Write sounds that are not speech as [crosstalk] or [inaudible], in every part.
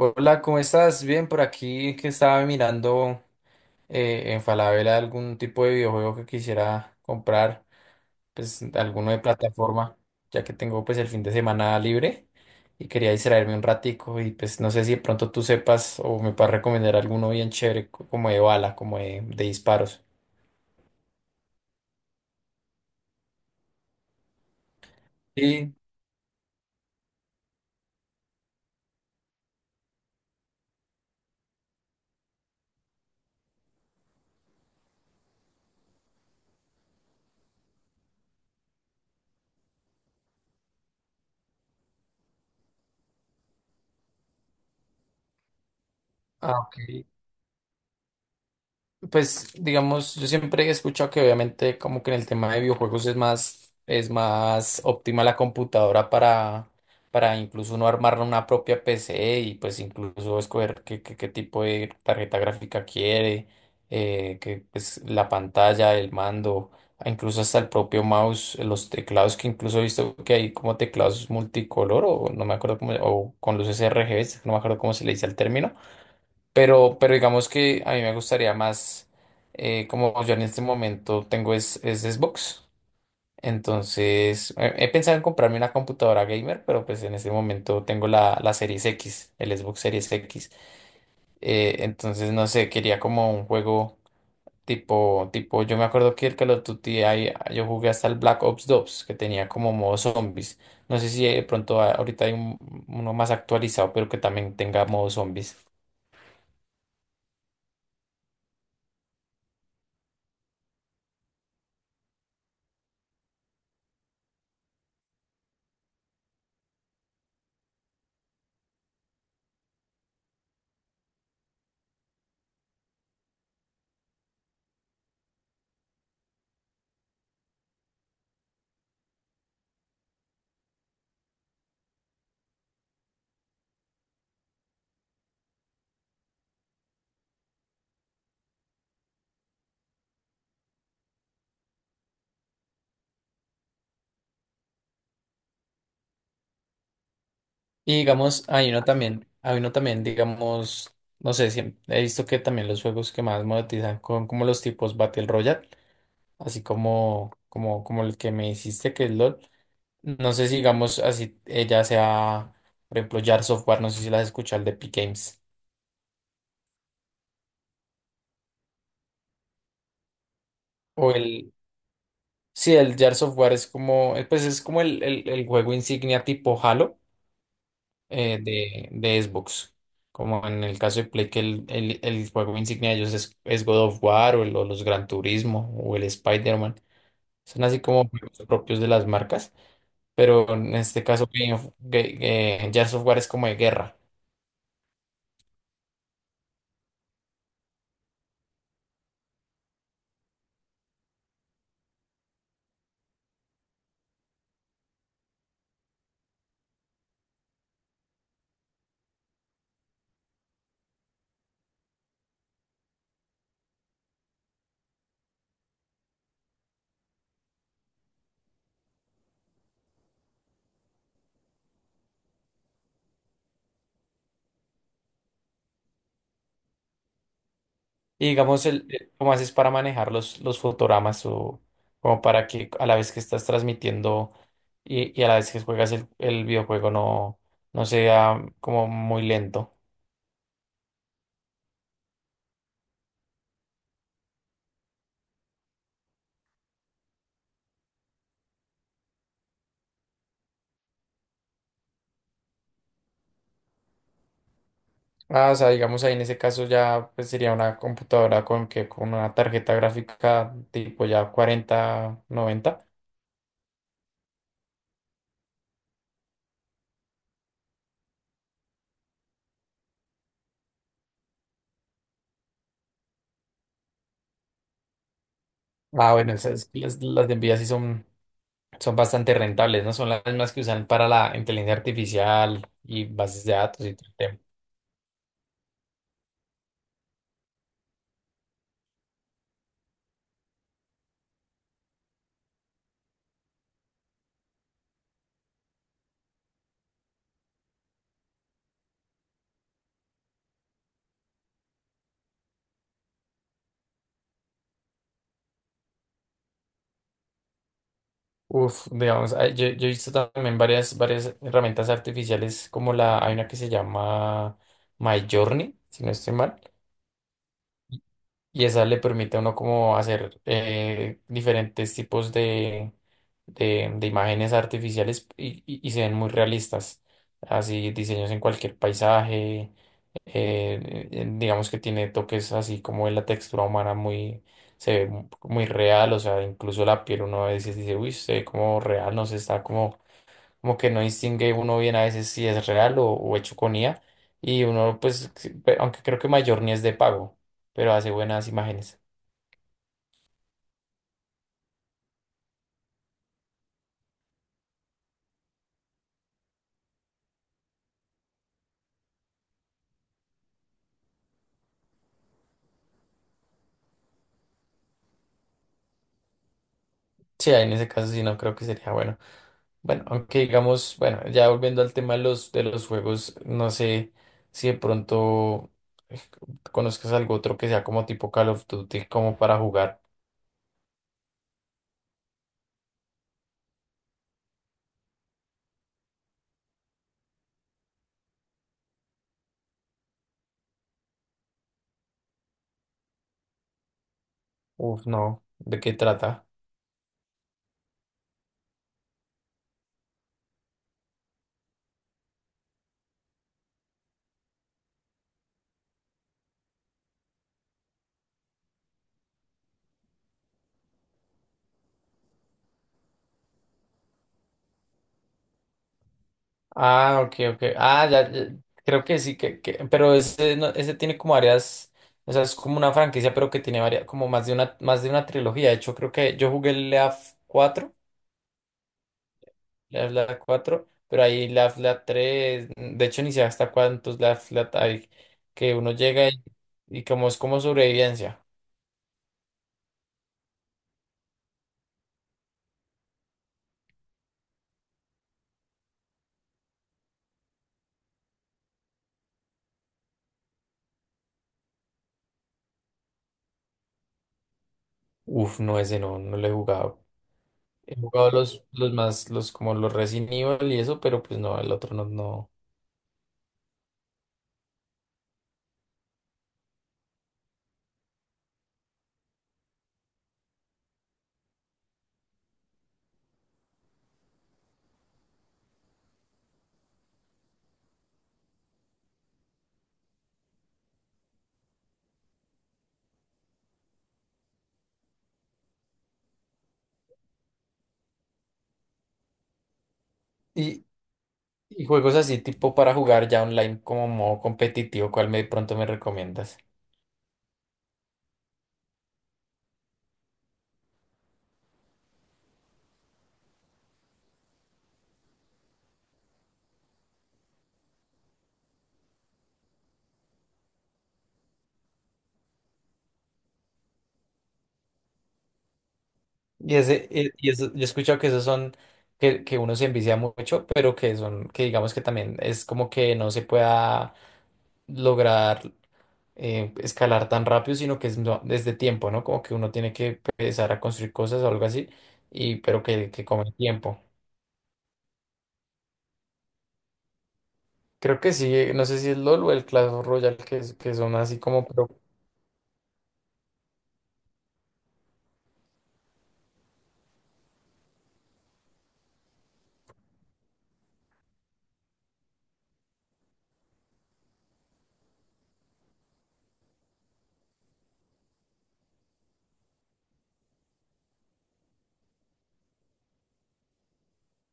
Hola, ¿cómo estás? Bien, por aquí que estaba mirando en Falabella algún tipo de videojuego que quisiera comprar, pues alguno de plataforma, ya que tengo pues el fin de semana libre y quería distraerme un ratico y pues no sé si de pronto tú sepas o me puedas recomendar alguno bien chévere como de bala, como de disparos. Sí, ah, ok. Pues digamos, yo siempre he escuchado que obviamente como que en el tema de videojuegos es más óptima la computadora para incluso uno armar una propia PC y pues incluso escoger qué tipo de tarjeta gráfica quiere, que pues la pantalla, el mando, incluso hasta el propio mouse, los teclados que incluso he visto que hay como teclados multicolor o no me acuerdo cómo, o con luces RGB, no me acuerdo cómo se le dice al término pero digamos que a mí me gustaría más, como yo en este momento tengo es Xbox, entonces he pensado en comprarme una computadora gamer, pero pues en este momento tengo la Series X, el Xbox Series X, entonces no sé, quería como un juego tipo, yo me acuerdo que el Call of Duty, ahí, yo jugué hasta el Black Ops 2, que tenía como modo zombies, no sé si de pronto ahorita hay uno más actualizado, pero que también tenga modo zombies. Y digamos, hay uno también, digamos, no sé, si he visto que también los juegos que más monetizan con como los tipos Battle Royale, así como, como el que me hiciste que es LOL. No sé si digamos así ella sea, por ejemplo, Jar Software, no sé si las escuchas, el de Epic Games. O el, sí, el Jar Software es como, pues es como el juego insignia tipo Halo, de Xbox. Como en el caso de Play, que el juego insignia de ellos es God of War o los Gran Turismo o el Spider-Man. Son así como juegos propios de las marcas, pero en este caso Gears of War es como de guerra. Y digamos, ¿cómo haces para manejar los fotogramas o como para que a la vez que estás transmitiendo y a la vez que juegas el videojuego no sea como muy lento? Ah, o sea, digamos ahí en ese caso ya pues, sería una computadora con que con una tarjeta gráfica tipo ya 4090. Ah, bueno, esas, las de Nvidia sí son, son bastante rentables, ¿no? Son las mismas que usan para la inteligencia artificial y bases de datos y todo el tema. Uf, digamos, ah, yo he visto también varias, varias herramientas artificiales como la, hay una que se llama Midjourney, si no estoy mal. Y esa le permite a uno como hacer diferentes tipos de imágenes artificiales y se ven muy realistas. Así diseños en cualquier paisaje, digamos que tiene toques así como en la textura humana muy, se ve muy real, o sea, incluso la piel uno a veces dice, uy, se ve como real, no se está como como que no distingue uno bien a veces si es real o hecho con IA, y uno pues, sí, pe- aunque creo que mayor ni es de pago, pero hace buenas imágenes. Sí, ahí en ese caso sí no creo que sería bueno. Bueno, aunque digamos, bueno, ya volviendo al tema de los juegos, no sé si de pronto eh, conozcas algo otro que sea como tipo Call of Duty, como para jugar. Uf, no, ¿de qué trata? Ah, ok, ok. Ah, ya, ya, creo que sí, pero ese, ese tiene como varias, o sea, es como una franquicia, pero que tiene varias, como más de una trilogía. De hecho, creo que yo jugué el Leaf 4, Leaf Leaf 4, pero ahí Leaf Leaf 3, de hecho, ni sé hasta cuántos Leaf Leaf hay, que uno llega y como es como sobrevivencia. Uf, no, ese no, no lo he jugado. He jugado los más, los como los Resident Evil y eso, pero pues no, el otro no, no. Y juegos así tipo para jugar ya online como modo competitivo, ¿cuál me pronto me recomiendas? Y ese, y eso, yo he escuchado que esos son, que uno se envicia mucho, pero que son, que digamos que también es como que no se pueda lograr escalar tan rápido, sino que es desde tiempo, ¿no? Como que uno tiene que empezar a construir cosas o algo así, y pero que come tiempo. Creo que sí, no sé si es LOL o el Clash Royale, que son así como, pero,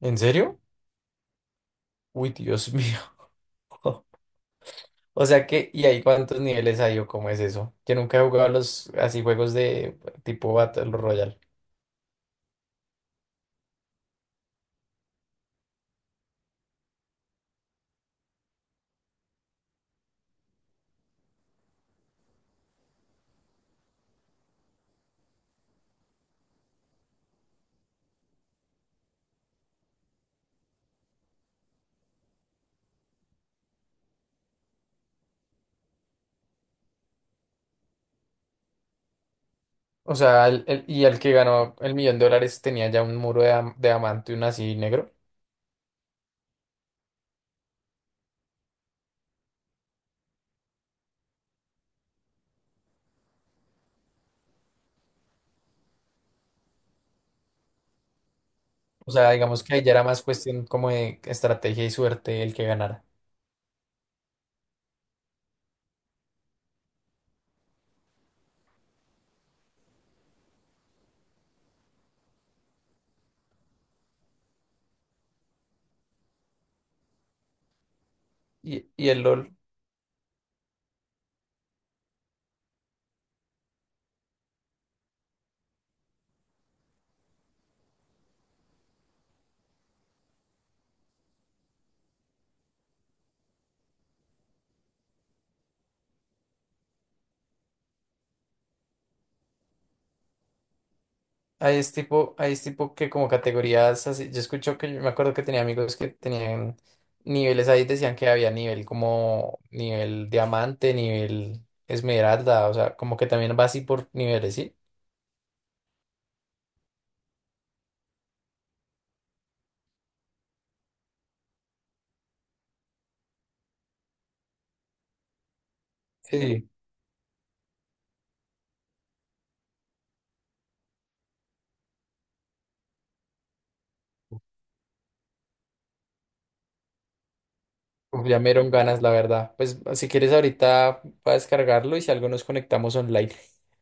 ¿en serio? Uy, Dios [laughs] mío. O sea que, ¿y ahí cuántos niveles hay o cómo es eso? Yo nunca he jugado los así juegos de tipo Battle Royale. O sea, y el que ganó el millón de dólares tenía ya un muro de diamante y un así negro. O sea, digamos que ahí ya era más cuestión como de estrategia y suerte el que ganara. Y el LOL. Ahí es tipo que como categorías así. Yo escucho que yo me acuerdo que tenía amigos que tenían niveles ahí, decían que había nivel como nivel diamante, nivel esmeralda, o sea, como que también va así por niveles, ¿sí? Sí. Uf, ya me dieron ganas, la verdad. Pues si quieres ahorita para descargarlo y si algo nos conectamos online.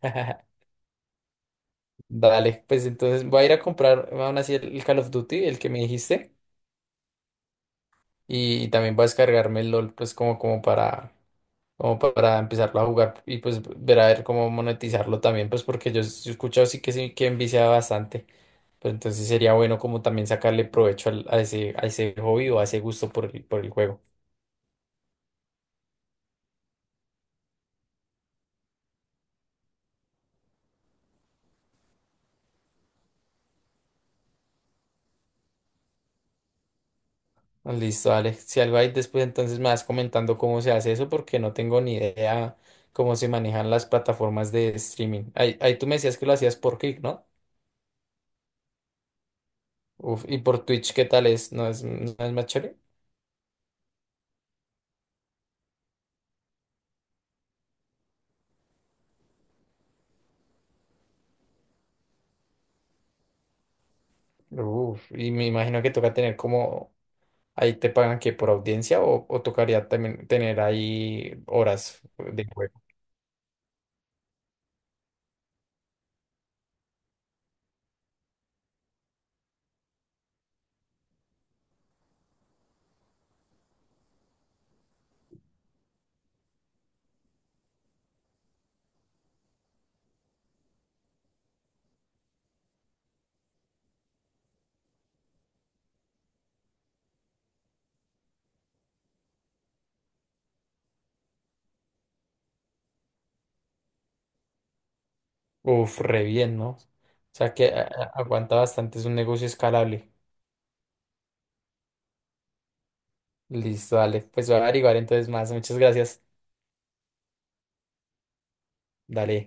[laughs] Dale, pues entonces voy a ir a comprar aún así el Call of Duty, el que me dijiste, y también voy a descargarme el LOL, pues como, como para como para empezarlo a jugar y pues ver a ver cómo monetizarlo también, pues porque yo, yo he escuchado sí que envicia bastante, pero entonces sería bueno como también sacarle provecho a ese hobby o a ese gusto por el juego. Ah, listo, Alex. Si algo hay después, entonces me vas comentando cómo se hace eso, porque no tengo ni idea cómo se manejan las plataformas de streaming. Ahí, ahí tú me decías que lo hacías por Kick, ¿no? Uf, y por Twitch, ¿qué tal es? ¿No es, no es más chévere? Uf, y me imagino que toca tener como ahí te pagan que por audiencia o tocaría también tener ahí horas de juego. Uf, re bien, ¿no? O sea que aguanta bastante, es un negocio escalable. Listo, dale. Pues voy a averiguar entonces más. Muchas gracias. Dale.